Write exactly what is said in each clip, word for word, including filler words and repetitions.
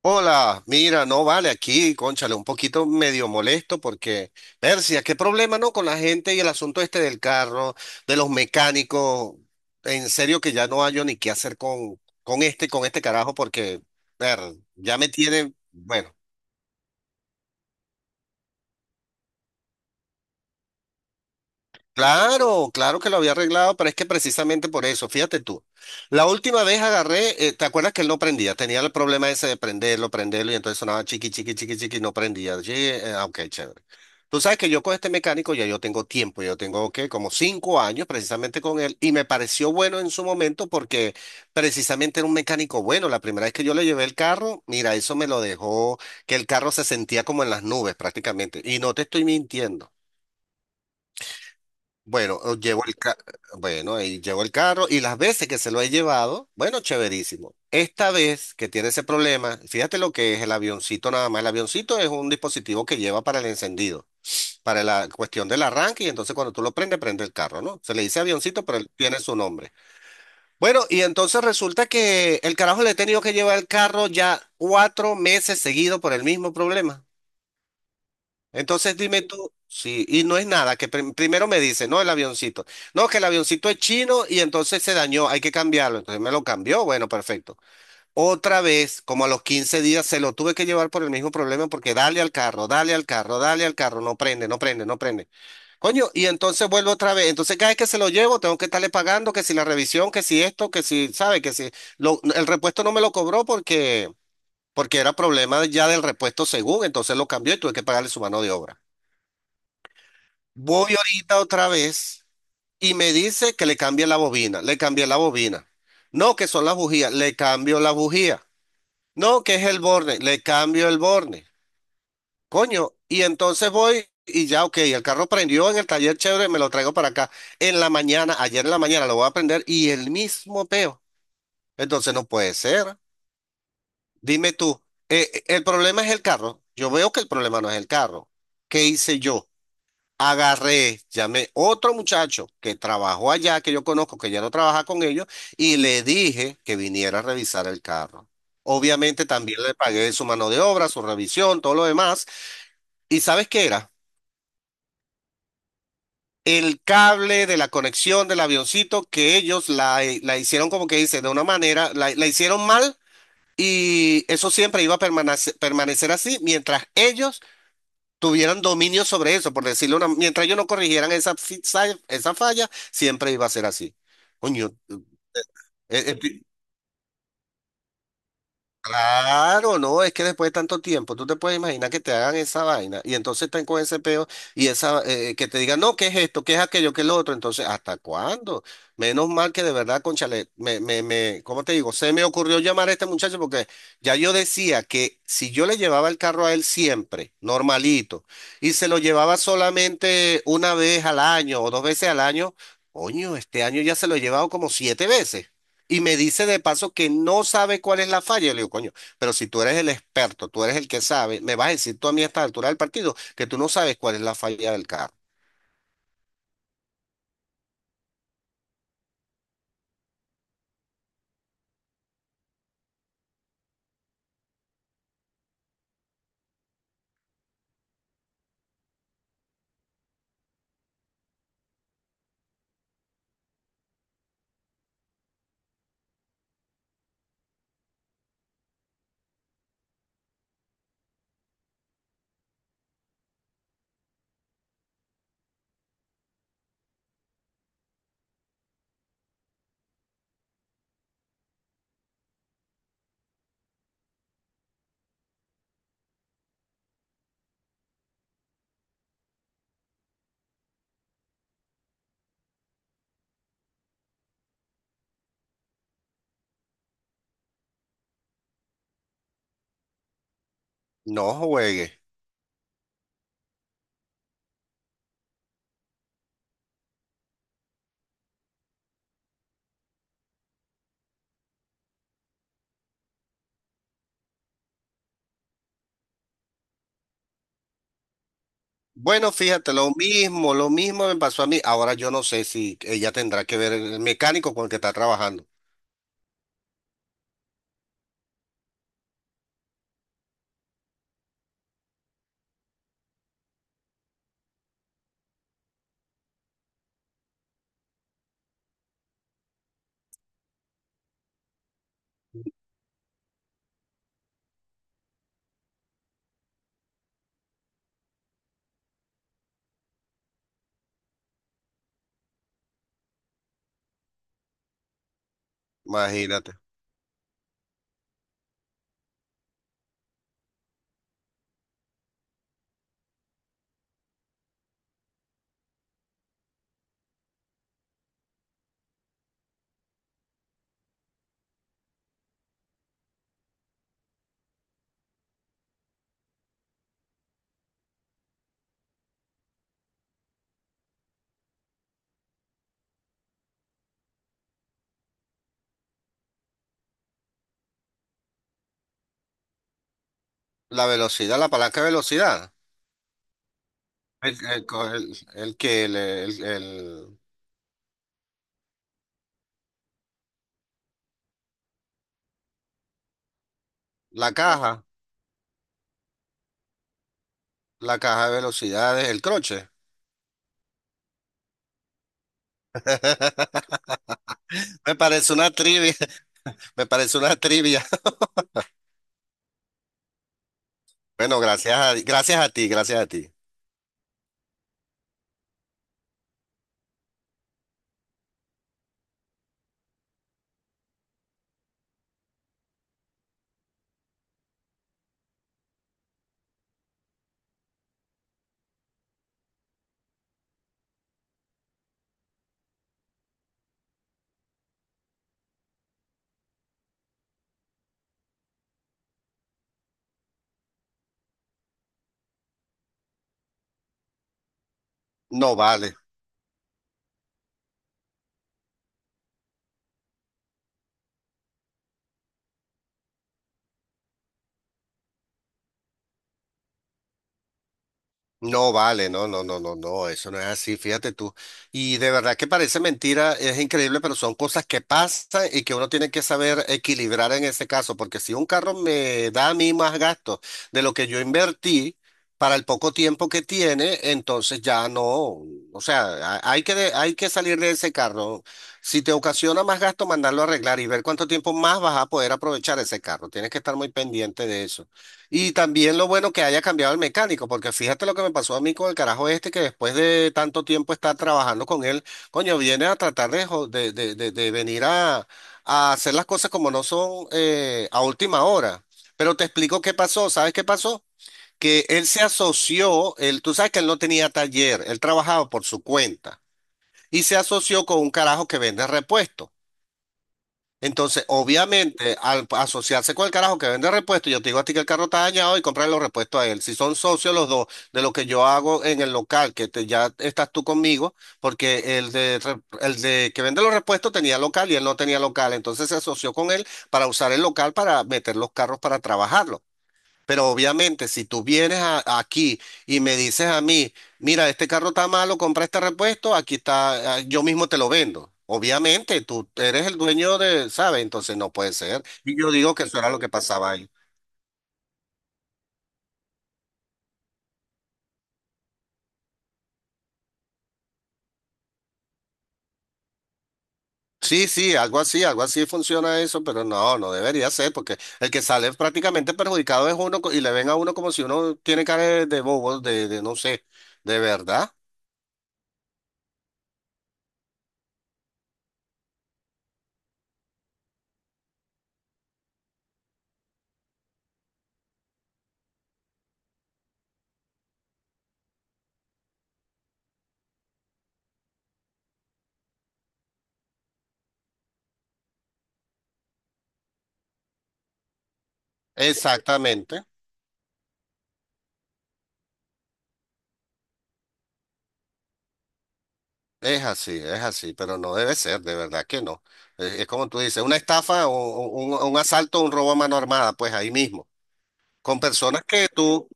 Hola, mira, no vale aquí, cónchale, un poquito medio molesto porque, Persia, qué problema, ¿no? Con la gente y el asunto este del carro, de los mecánicos. En serio que ya no hallo ni qué hacer con, con este, con este carajo porque, ver, ya me tiene, bueno. Claro, claro que lo había arreglado, pero es que precisamente por eso, fíjate tú, la última vez agarré, eh, ¿te acuerdas que él no prendía? Tenía el problema ese de prenderlo, prenderlo y entonces sonaba chiqui, chiqui, chiqui, chiqui, y no prendía. Sí, eh, ah, ok, chévere. Tú sabes que yo con este mecánico ya yo tengo tiempo, yo tengo ¿qué? Como cinco años precisamente con él y me pareció bueno en su momento porque precisamente era un mecánico bueno. La primera vez que yo le llevé el carro, mira, eso me lo dejó, que el carro se sentía como en las nubes prácticamente y no te estoy mintiendo. Bueno, o llevo el ca- bueno, ahí llevo el carro y las veces que se lo he llevado, bueno, chéverísimo. Esta vez que tiene ese problema, fíjate lo que es el avioncito nada más. El avioncito es un dispositivo que lleva para el encendido, para la cuestión del arranque y entonces cuando tú lo prendes, prende el carro, ¿no? Se le dice avioncito, pero él tiene su nombre. Bueno, y entonces resulta que el carajo le he tenido que llevar el carro ya cuatro meses seguido por el mismo problema. Entonces dime tú, sí, y no es nada, que prim- primero me dice, no, el avioncito. No, que el avioncito es chino y entonces se dañó, hay que cambiarlo. Entonces me lo cambió, bueno, perfecto. Otra vez, como a los quince días, se lo tuve que llevar por el mismo problema porque dale al carro, dale al carro, dale al carro, no prende, no prende, no prende. Coño, y entonces vuelvo otra vez. Entonces cada vez que se lo llevo, tengo que estarle pagando, que si la revisión, que si esto, que si, sabe, que si lo- el repuesto no me lo cobró porque, porque era problema ya del repuesto según, entonces lo cambió y tuve que pagarle su mano de obra. Voy ahorita otra vez y me dice que le cambie la bobina. Le cambié la bobina. No, que son las bujías. Le cambio la bujía. No, que es el borne. Le cambio el borne. Coño. Y entonces voy y ya, ok, el carro prendió en el taller chévere, me lo traigo para acá. En la mañana, ayer en la mañana lo voy a prender y el mismo peo. Entonces no puede ser. Dime tú, eh, eh, ¿el problema es el carro? Yo veo que el problema no es el carro. ¿Qué hice yo? Agarré, llamé otro muchacho que trabajó allá, que yo conozco, que ya no trabaja con ellos, y le dije que viniera a revisar el carro. Obviamente también le pagué su mano de obra, su revisión, todo lo demás. ¿Y sabes qué era? El cable de la conexión del avioncito que ellos la, la hicieron como que dice, de una manera, la, la hicieron mal y eso siempre iba a permanecer, permanecer así mientras ellos tuvieran dominio sobre eso, por decirlo una, mientras ellos no corrigieran esa, fi- sa- esa falla, siempre iba a ser así. Coño, eh, eh, claro, no, es que después de tanto tiempo, tú te puedes imaginar que te hagan esa vaina y entonces están con ese peo y esa eh, que te digan, no, ¿qué es esto? ¿Qué es aquello? ¿Qué es lo otro? Entonces, ¿hasta cuándo? Menos mal que de verdad, conchale, me, me, me, ¿cómo te digo? Se me ocurrió llamar a este muchacho porque ya yo decía que si yo le llevaba el carro a él siempre, normalito, y se lo llevaba solamente una vez al año o dos veces al año, coño, este año ya se lo he llevado como siete veces. Y me dice de paso que no sabe cuál es la falla. Yo le digo, coño, pero si tú eres el experto, tú eres el que sabe, me vas a decir tú a mí a esta altura del partido que tú no sabes cuál es la falla del carro. No juegues. Bueno, fíjate, lo mismo, lo mismo me pasó a mí. Ahora yo no sé si ella tendrá que ver el mecánico con el que está trabajando. Imagínate. La velocidad, la palanca de velocidad. El, el, co- el- el que, el, el- el- La caja, la caja de velocidades, el croche. Me parece una trivia. Me parece una trivia. Bueno, gracias a, gracias a ti, gracias a ti. No vale. No vale, no, no, no, no, no, eso no es así, fíjate tú. Y de verdad que parece mentira, es increíble, pero son cosas que pasan y que uno tiene que saber equilibrar en ese caso, porque si un carro me da a mí más gastos de lo que yo invertí para el poco tiempo que tiene, entonces ya no, o sea, ha- hay que, de- hay que salir de ese carro. Si te ocasiona más gasto, mandarlo a arreglar y ver cuánto tiempo más vas a poder aprovechar ese carro. Tienes que estar muy pendiente de eso. Y también lo bueno que haya cambiado el mecánico, porque fíjate lo que me pasó a mí con el carajo este, que después de tanto tiempo estar trabajando con él, coño, viene a tratar de, jo- de, de, de- de venir a, a hacer las cosas como no son eh, a última hora. Pero te explico qué pasó, ¿sabes qué pasó? Que él se asoció, él, tú sabes que él no tenía taller, él trabajaba por su cuenta, y se asoció con un carajo que vende repuestos. Entonces, obviamente, al asociarse con el carajo que vende repuestos, yo te digo a ti que el carro está dañado y comprar los repuestos a él. Si son socios los dos de lo que yo hago en el local, que te- ya estás tú conmigo, porque el de, re- el de que vende los repuestos tenía local y él no tenía local, entonces se asoció con él para usar el local para meter los carros para trabajarlo. Pero obviamente, si tú vienes a- aquí y me dices a mí, mira, este carro está malo, compra este repuesto, aquí está, ah, yo mismo te lo vendo. Obviamente, tú eres el dueño de, ¿sabes? Entonces no puede ser. Y yo digo que eso era lo que pasaba ahí. Sí, sí, algo así, algo así funciona eso, pero no, no debería ser, porque el que sale prácticamente perjudicado es uno co- y le ven a uno como si uno tiene cara de, de bobo, de, de no sé, de verdad. Exactamente. Es así, es así, pero no debe ser, de verdad que no. Es, es como tú dices, una estafa o, o un, un asalto, un robo a mano armada, pues ahí mismo, con personas que tú...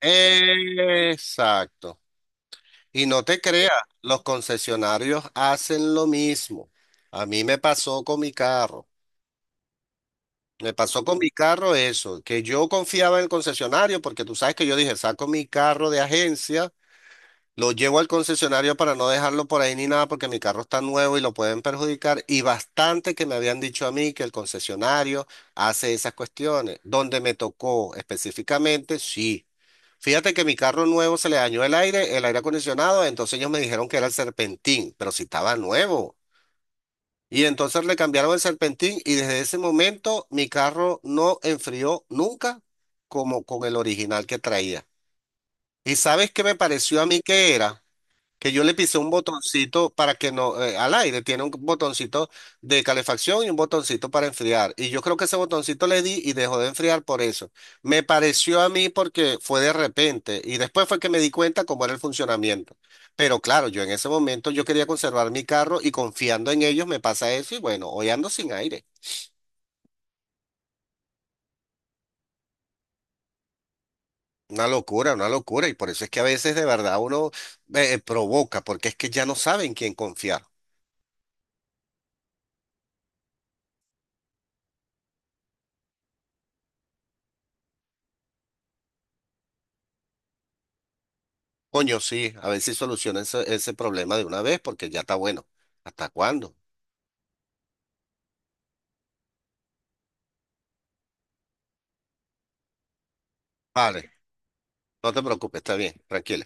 Exacto. Y no te creas, los concesionarios hacen lo mismo. A mí me pasó con mi carro. Me pasó con mi carro eso, que yo confiaba en el concesionario porque tú sabes que yo dije, saco mi carro de agencia. Lo llevo al concesionario para no dejarlo por ahí ni nada porque mi carro está nuevo y lo pueden perjudicar. Y bastante que me habían dicho a mí que el concesionario hace esas cuestiones. Donde me tocó específicamente, sí. Fíjate que mi carro nuevo se le dañó el aire, el aire acondicionado, entonces ellos me dijeron que era el serpentín, pero si estaba nuevo. Y entonces le cambiaron el serpentín y desde ese momento mi carro no enfrió nunca como con el original que traía. ¿Y sabes qué me pareció a mí que era? Que yo le pisé un botoncito para que no, eh, al aire, tiene un botoncito de calefacción y un botoncito para enfriar. Y yo creo que ese botoncito le di y dejó de enfriar por eso. Me pareció a mí porque fue de repente y después fue que me di cuenta cómo era el funcionamiento. Pero claro, yo en ese momento yo quería conservar mi carro y confiando en ellos me pasa eso y bueno, hoy ando sin aire. Una locura, una locura. Y por eso es que a veces de verdad uno eh, provoca, porque es que ya no saben quién confiar. Coño, sí, a ver si soluciona ese, ese problema de una vez, porque ya está bueno. ¿Hasta cuándo? Vale, no te preocupes, está bien, tranquilo.